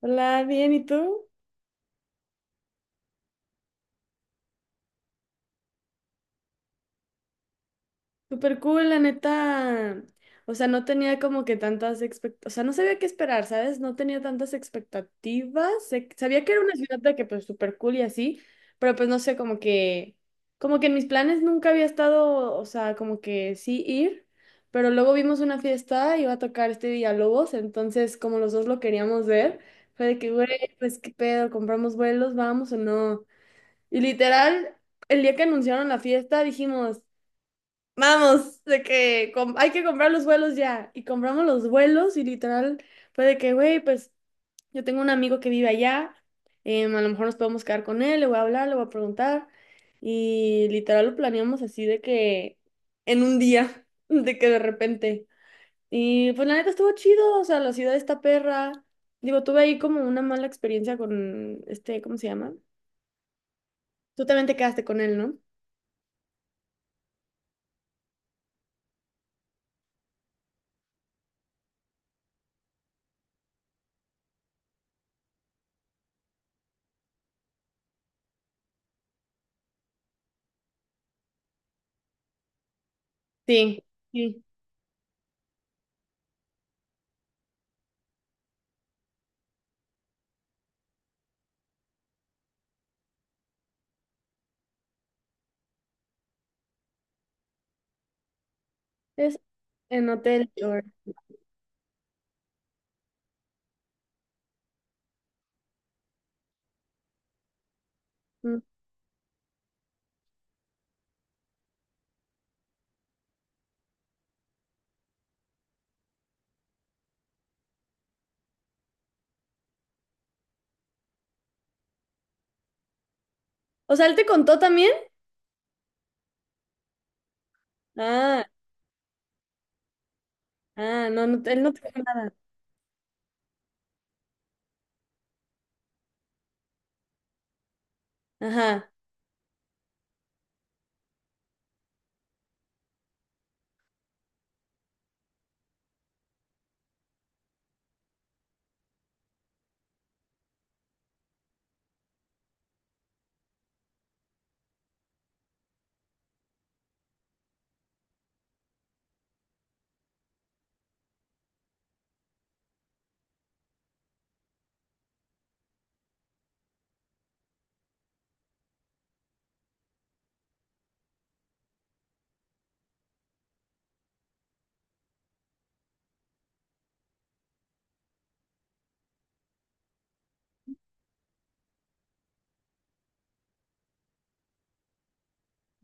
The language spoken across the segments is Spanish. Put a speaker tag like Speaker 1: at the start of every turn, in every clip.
Speaker 1: Hola, bien, ¿y tú? Súper cool, la neta. O sea, no tenía como que tantas expectativas, o sea, no sabía qué esperar, ¿sabes? No tenía tantas expectativas. Sabía que era una ciudad de que pues súper cool y así, pero pues no sé, como que en mis planes nunca había estado, o sea, como que sí ir, pero luego vimos una fiesta, iba a tocar este Villalobos, entonces como los dos lo queríamos ver, fue de que, güey, pues qué pedo, compramos vuelos, vamos o no. Y literal, el día que anunciaron la fiesta dijimos, vamos, de que hay que comprar los vuelos ya. Y compramos los vuelos y literal fue de que, güey, pues yo tengo un amigo que vive allá, a lo mejor nos podemos quedar con él, le voy a hablar, le voy a preguntar. Y literal lo planeamos así de que en un día, de que de repente. Y pues la neta estuvo chido, o sea, la ciudad está perra. Digo, tuve ahí como una mala experiencia con este, ¿cómo se llama? Tú también te quedaste con él, ¿no? Sí, sí. Es en Hotel Dior. O sea, ¿él te contó también? Ah, ah, no, no, él no te dijo nada. Ajá.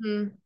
Speaker 1: Mm.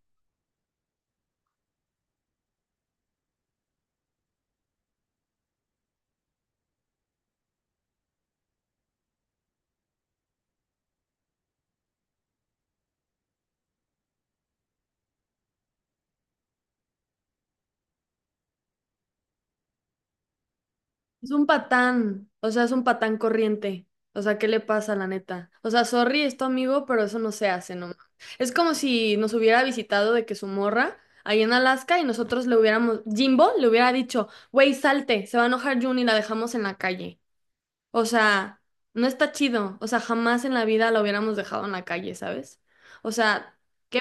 Speaker 1: Es un patán, o sea, es un patán corriente. O sea, ¿qué le pasa, la neta? O sea, sorry, es tu amigo, pero eso no se hace, no. Es como si nos hubiera visitado de que su morra ahí en Alaska y nosotros le hubiéramos, Jimbo le hubiera dicho, güey, salte, se va a enojar June y la dejamos en la calle. O sea, no está chido. O sea, jamás en la vida la hubiéramos dejado en la calle, ¿sabes? O sea, qué.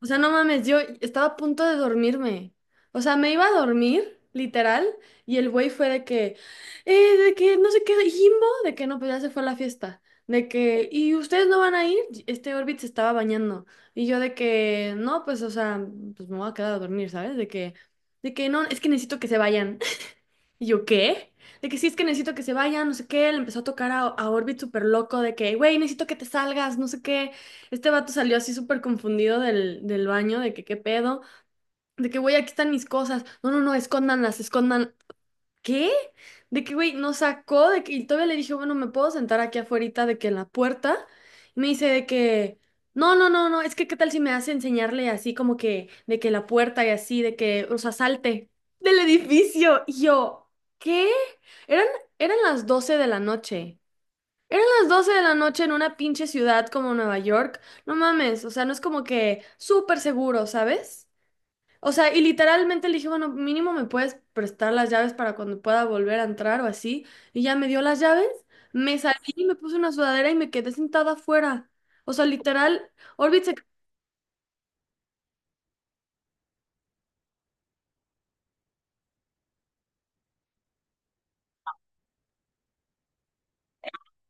Speaker 1: O sea, no mames, yo estaba a punto de dormirme. O sea, me iba a dormir, literal, y el güey fue de que no sé qué, de Jimbo, de que no, pues ya se fue a la fiesta. De que, ¿y ustedes no van a ir? Este Orbit se estaba bañando. Y yo de que, no, pues, o sea, pues me voy a quedar a dormir, ¿sabes? De que no, es que necesito que se vayan. ¿Y yo qué? De que sí, es que necesito que se vaya, no sé qué. Le empezó a tocar a Orbit súper loco de que, güey, necesito que te salgas, no sé qué. Este vato salió así súper confundido del, del baño, de que qué pedo. De que, güey, aquí están mis cosas. No, no, no, escóndanlas, escondan. ¿Qué? De que, güey, nos sacó de que, y todavía le dije, bueno, ¿me puedo sentar aquí afuera de que en la puerta? Y me dice de que, no, no, no, no, es que qué tal si me hace enseñarle así como que, de que la puerta y así, de que, o sea, salte del edificio. Y yo, ¿qué? Eran, eran las 12 de la noche. Las 12 de la noche en una pinche ciudad como Nueva York. No mames, o sea, no es como que súper seguro, ¿sabes? O sea, y literalmente le dije, bueno, mínimo me puedes prestar las llaves para cuando pueda volver a entrar o así. Y ya me dio las llaves, me salí, me puse una sudadera y me quedé sentada afuera. O sea, literal, Orbit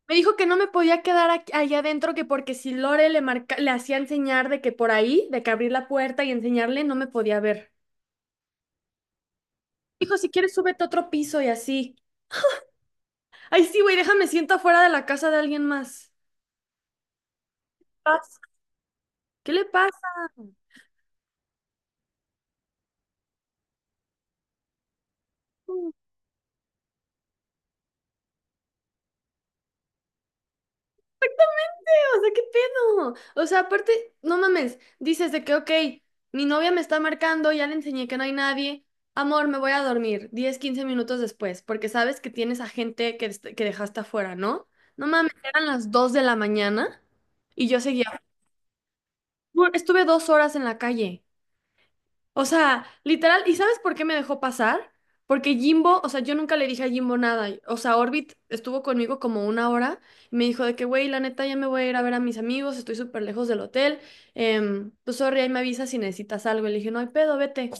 Speaker 1: me dijo que no me podía quedar allá adentro, que porque si Lore le marca, le hacía enseñar de que por ahí, de que abrir la puerta y enseñarle, no me podía ver. Dijo, si quieres, súbete a otro piso y así. Ay, sí, güey, déjame siento afuera de la casa de alguien más. Paz. ¿Qué le pasa? O sea, ¿qué pedo? O sea, aparte, no mames, dices de que, ok, mi novia me está marcando, ya le enseñé que no hay nadie. Amor, me voy a dormir 10 15 minutos después, porque sabes que tienes a gente que, que dejaste afuera, ¿no? No mames, eran las 2 de la mañana y yo seguía. Estuve 2 horas en la calle. O sea, literal, ¿y sabes por qué me dejó pasar? Porque Jimbo, o sea, yo nunca le dije a Jimbo nada. O sea, Orbit estuvo conmigo como una hora y me dijo de que, güey, la neta ya me voy a ir a ver a mis amigos, estoy súper lejos del hotel. Pues, sorry, ahí me avisas si necesitas algo. Y le dije, no hay pedo, vete.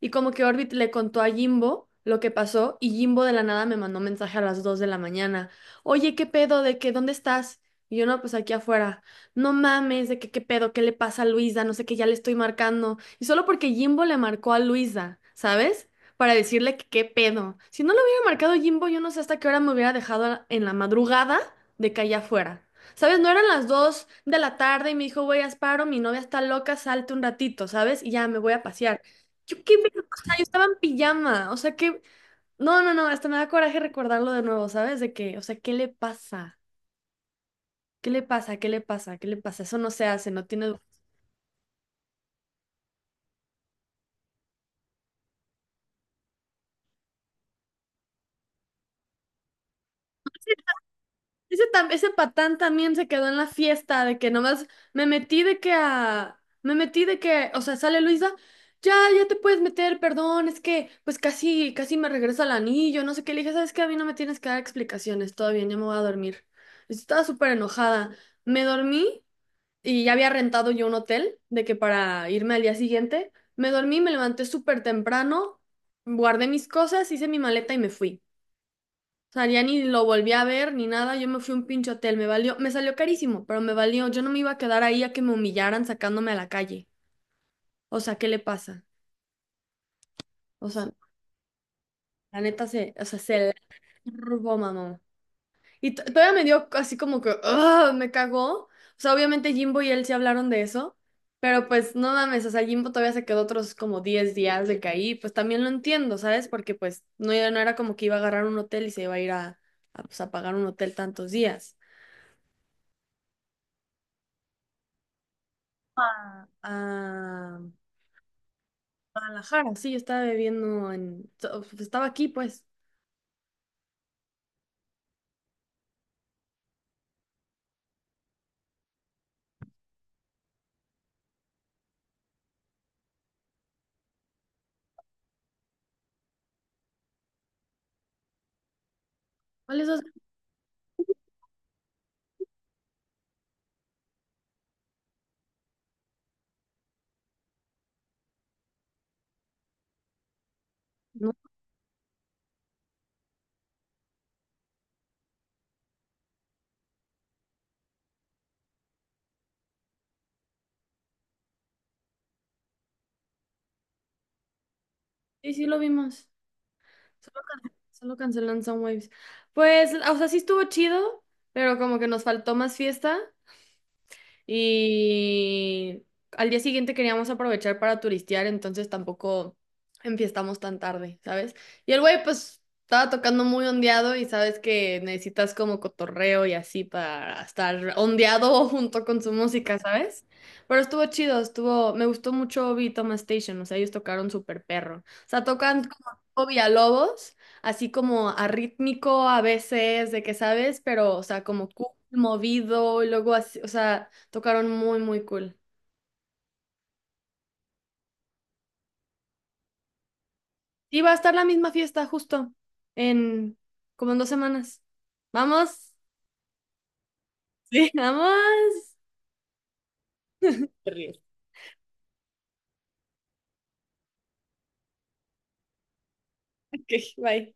Speaker 1: Y como que Orbit le contó a Jimbo lo que pasó y Jimbo de la nada me mandó mensaje a las 2 de la mañana. Oye, ¿qué pedo? ¿De qué? ¿Dónde estás? Y yo, no, pues aquí afuera. No mames, de que qué pedo, qué le pasa a Luisa, no sé qué, ya le estoy marcando. Y solo porque Jimbo le marcó a Luisa, ¿sabes? Para decirle que qué pedo. Si no le hubiera marcado Jimbo, yo no sé hasta qué hora me hubiera dejado en la madrugada de que allá fuera. ¿Sabes? No eran las 2 de la tarde y me dijo, güey, Asparo, mi novia está loca, salte un ratito, ¿sabes? Y ya me voy a pasear. Yo qué pedo, o sea, yo estaba en pijama, o sea, que... No, no, no, hasta me da coraje recordarlo de nuevo, ¿sabes? De que, o sea, ¿qué le pasa? ¿Qué le pasa? ¿Qué le pasa? ¿Qué le pasa? Eso no se hace, no tiene... Ese, ese patán también se quedó en la fiesta de que nomás me metí de que a... Me metí de que, o sea, sale Luisa, ya, ya te puedes meter, perdón, es que pues casi, casi me regresa el anillo, no sé qué, le dije, ¿sabes qué? A mí no me tienes que dar explicaciones, todo bien, ya me voy a dormir. Estaba súper enojada. Me dormí y ya había rentado yo un hotel de que para irme al día siguiente, me dormí, me levanté súper temprano, guardé mis cosas, hice mi maleta y me fui. O sea, ya ni lo volví a ver ni nada, yo me fui a un pinche hotel, me valió, me salió carísimo, pero me valió, yo no me iba a quedar ahí a que me humillaran sacándome a la calle. O sea, ¿qué le pasa? O sea, la neta se, o sea, se la turbó, mamá. Y todavía me dio así como que, "Ugh", me cagó. O sea, obviamente Jimbo y él sí hablaron de eso, pero pues no mames, o sea, Jimbo todavía se quedó otros como 10 días de que ahí, pues también lo entiendo, ¿sabes? Porque pues no, no era como que iba a agarrar un hotel y se iba a ir a, pues, a pagar un hotel tantos días. A, a Guadalajara, sí, yo estaba bebiendo en... Estaba aquí, pues. Cuáles dos. No, sí, sí lo vimos. Solo, solo cancelan Soundwaves. Pues, o sea, sí estuvo chido, pero como que nos faltó más fiesta. Y al día siguiente queríamos aprovechar para turistear, entonces tampoco enfiestamos tan tarde, ¿sabes? Y el güey pues estaba tocando muy ondeado y sabes que necesitas como cotorreo y así para estar ondeado junto con su música, ¿sabes? Pero estuvo chido, estuvo, me gustó mucho Obi y Toma Station, o sea, ellos tocaron súper perro. O sea, tocan como tipo Villalobos, así como arrítmico a veces, de que sabes, pero o sea, como cool, movido, y luego así, o sea, tocaron muy, muy cool. Y va a estar la misma fiesta justo en como en 2 semanas. Vamos. Sí. Vamos. Te ríes. Ok, bye.